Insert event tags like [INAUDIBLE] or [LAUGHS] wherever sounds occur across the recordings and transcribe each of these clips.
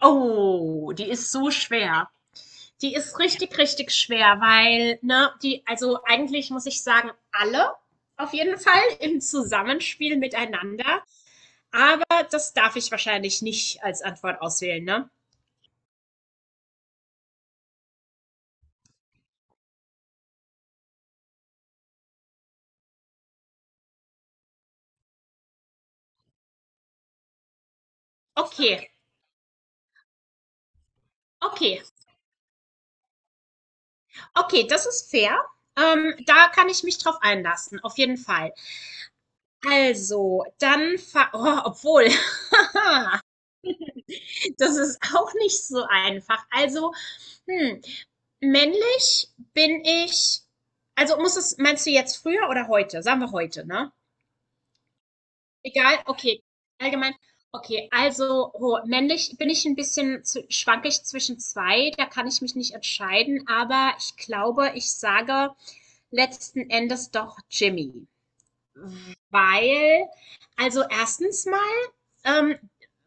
Oh, die ist so schwer. Die ist richtig, richtig schwer, weil, ne, die, also eigentlich muss ich sagen, alle auf jeden Fall im Zusammenspiel miteinander. Aber das darf ich wahrscheinlich nicht als Antwort auswählen, ne? Okay, okay, okay, das ist fair. Da kann ich mich drauf einlassen, auf jeden Fall. Also, dann, oh, obwohl, [LAUGHS] das ist auch nicht so einfach. Also, Hm, männlich bin ich, muss es, meinst du jetzt früher oder heute? Sagen wir heute, ne? Egal, okay. Allgemein. Okay, also ho männlich bin ich ein bisschen, zw schwanke ich zwischen 2. Da kann ich mich nicht entscheiden, aber ich glaube, ich sage letzten Endes doch Jimmy. Weil, also erstens mal, ähm,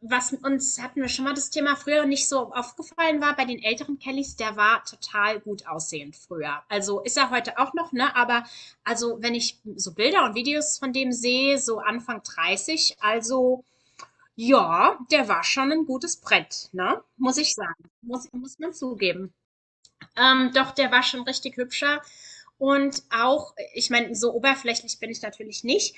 was uns, hatten wir schon mal das Thema, früher nicht so aufgefallen war, bei den älteren Kellys, der war total gut aussehend früher. Also ist er heute auch noch, ne? Aber also wenn ich so Bilder und Videos von dem sehe, so Anfang 30, also ja, der war schon ein gutes Brett, ne? Muss ich sagen. Muss man zugeben. Doch, der war schon richtig hübscher. Und auch, ich meine, so oberflächlich bin ich natürlich nicht,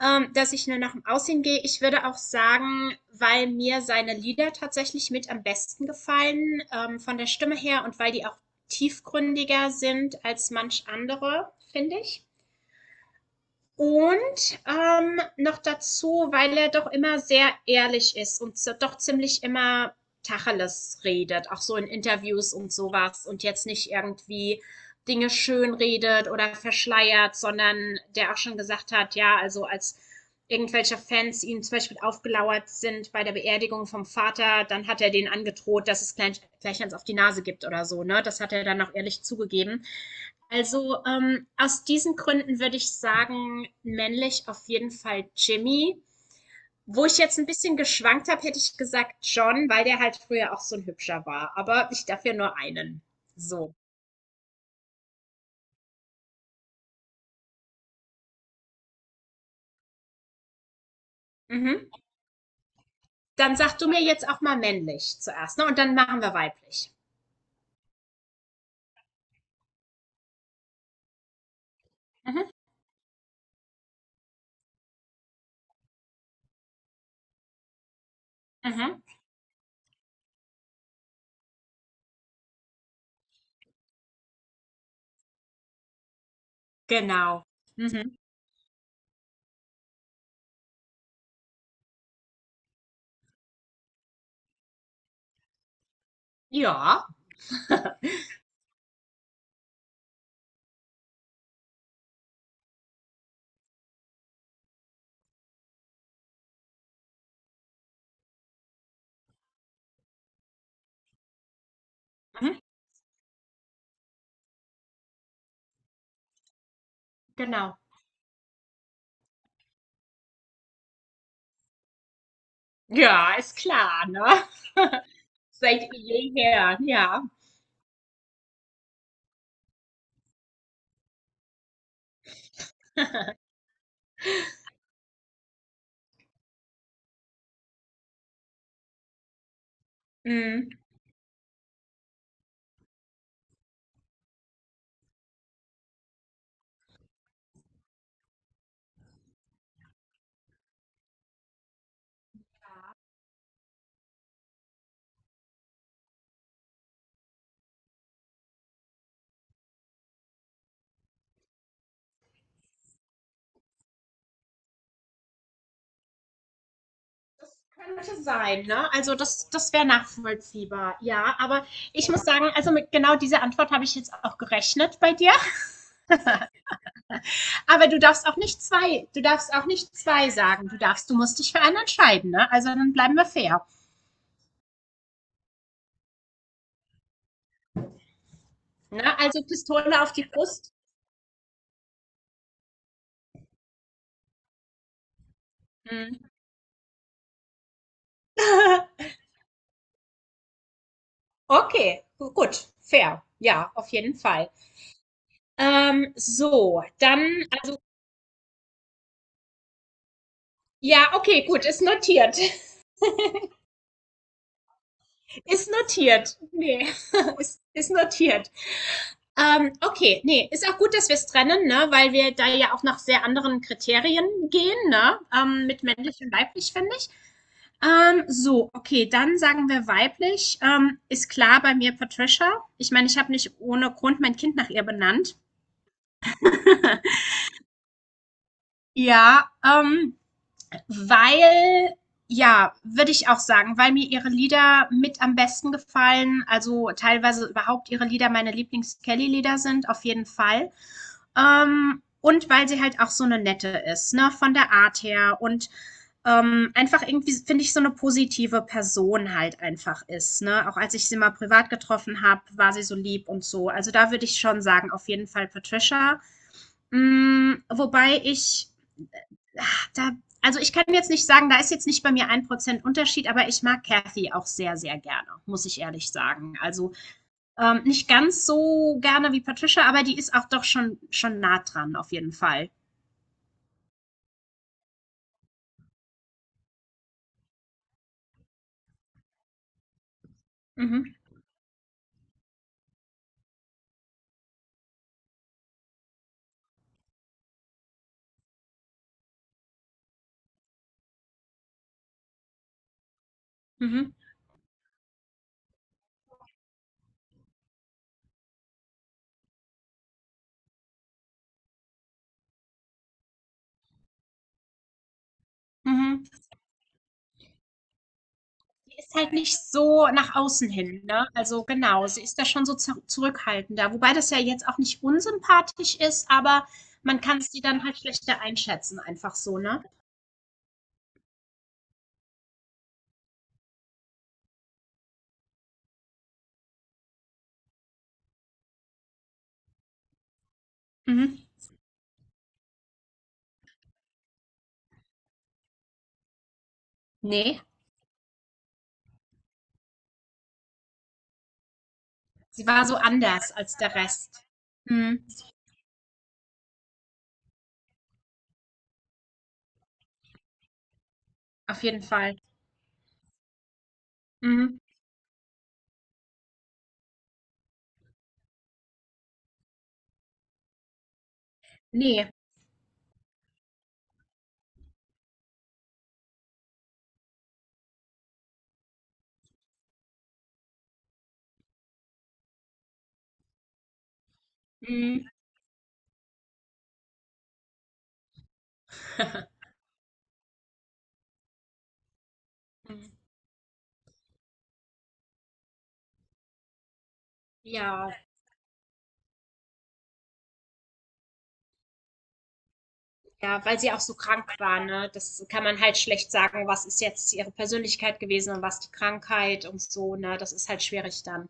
dass ich nur nach dem Aussehen gehe. Ich würde auch sagen, weil mir seine Lieder tatsächlich mit am besten gefallen, von der Stimme her, und weil die auch tiefgründiger sind als manch andere, finde ich. Und noch dazu, weil er doch immer sehr ehrlich ist und so, doch ziemlich immer Tacheles redet, auch so in Interviews und sowas, und jetzt nicht irgendwie Dinge schön redet oder verschleiert, sondern der auch schon gesagt hat, ja, also als irgendwelche Fans ihm zum Beispiel aufgelauert sind bei der Beerdigung vom Vater, dann hat er denen angedroht, dass es gleich eins auf die Nase gibt oder so, ne? Das hat er dann auch ehrlich zugegeben. Also, aus diesen Gründen würde ich sagen, männlich auf jeden Fall Jimmy. Wo ich jetzt ein bisschen geschwankt habe, hätte ich gesagt John, weil der halt früher auch so ein hübscher war. Aber ich darf ja nur einen. So. Mhm. Dann sag du mir jetzt auch mal männlich zuerst, ne? Und dann machen wir weiblich. Mhm. Mhm. Genau. Mhm. Ja. Mhm. Genau. Ja, ist klar, ne? [LAUGHS] Seit jeher, ja. [LAUGHS] Mhm. Könnte sein, ne? Also, das, das wäre nachvollziehbar, ja. Aber ich muss sagen, also mit genau dieser Antwort habe ich jetzt auch gerechnet bei dir. Aber du darfst auch nicht zwei, du darfst auch nicht zwei sagen. Du darfst, du musst dich für einen entscheiden, ne? Also dann bleiben wir fair. Ne? Also Pistole auf die Brust. Hm. [LAUGHS] Okay, gut, fair. Ja, auf jeden Fall. So, dann, also, ja, okay, gut, ist notiert. [LAUGHS] Ist notiert. Nee, [LAUGHS] ist notiert. Okay, nee, ist auch gut, dass wir es trennen, ne, weil wir da ja auch nach sehr anderen Kriterien gehen, ne, mit männlich und weiblich, finde ich. So, okay, dann sagen wir weiblich. Ist klar bei mir Patricia. Ich meine, ich habe nicht ohne Grund mein Kind nach ihr benannt. Ja, weil, ja, würde ich auch sagen, weil mir ihre Lieder mit am besten gefallen, also teilweise überhaupt ihre Lieder meine Lieblings-Kelly-Lieder sind, auf jeden Fall. Und weil sie halt auch so eine nette ist, ne, von der Art her, und einfach irgendwie, finde ich, so eine positive Person halt einfach ist, ne. Auch als ich sie mal privat getroffen habe, war sie so lieb und so. Also da würde ich schon sagen, auf jeden Fall Patricia. Hm, wobei ich, ah, da, also ich kann jetzt nicht sagen, da ist jetzt nicht bei mir ein Prozent Unterschied, aber ich mag Kathy auch sehr, sehr gerne, muss ich ehrlich sagen. Also nicht ganz so gerne wie Patricia, aber die ist auch doch schon nah dran, auf jeden Fall. Mhm, mhm, mhm. Die ist halt nicht so nach außen hin, ne? Also genau, sie ist da schon so, zu zurückhaltender, wobei das ja jetzt auch nicht unsympathisch ist, aber man kann sie dann halt schlechter einschätzen, einfach so, ne? Mhm. Nee, sie war so anders als der Rest. Mhm, auf jeden Fall. Mhm. Nee. Mhm. [LAUGHS] Mhm. Ja, ja, weil sie auch so krank war, ne? Das kann man halt schlecht sagen, was ist jetzt ihre Persönlichkeit gewesen und was die Krankheit und so, ne? Das ist halt schwierig dann.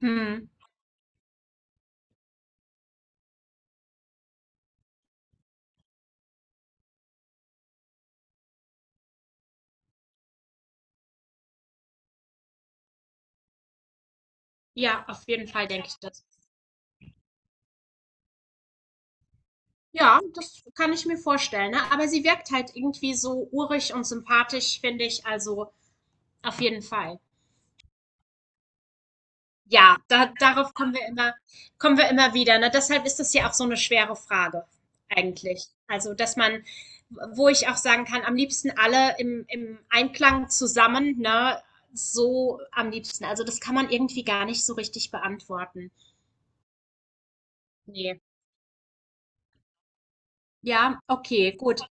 Mhm. Ja, auf jeden Fall denke ich das. Ja, das kann ich mir vorstellen, ne? Aber sie wirkt halt irgendwie so urig und sympathisch, finde ich, also auf jeden Fall. Ja, da darauf kommen wir immer wieder, ne? Deshalb ist das ja auch so eine schwere Frage eigentlich. Also, dass man, wo ich auch sagen kann, am liebsten alle im Einklang zusammen, ne? So am liebsten. Also, das kann man irgendwie gar nicht so richtig beantworten. Ne. Ja, okay, gut.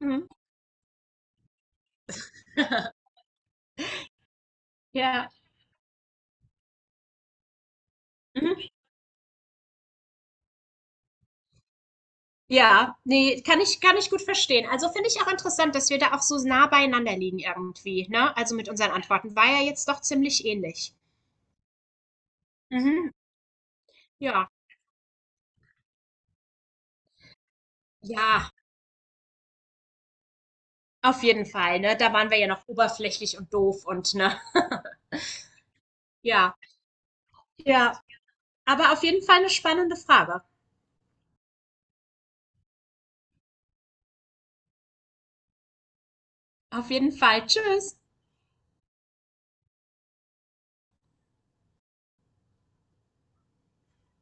Mhm. [LAUGHS] Ja. Mhm. Ja, ne, kann ich gut verstehen. Also, finde ich auch interessant, dass wir da auch so nah beieinander liegen irgendwie, ne? Also, mit unseren Antworten. War ja jetzt doch ziemlich ähnlich. Mhm. Ja. Ja, auf jeden Fall, ne? Da waren wir ja noch oberflächlich und doof und ne? [LAUGHS] Ja. Ja, aber auf jeden Fall eine spannende Frage. Auf jeden Fall. Tschüss.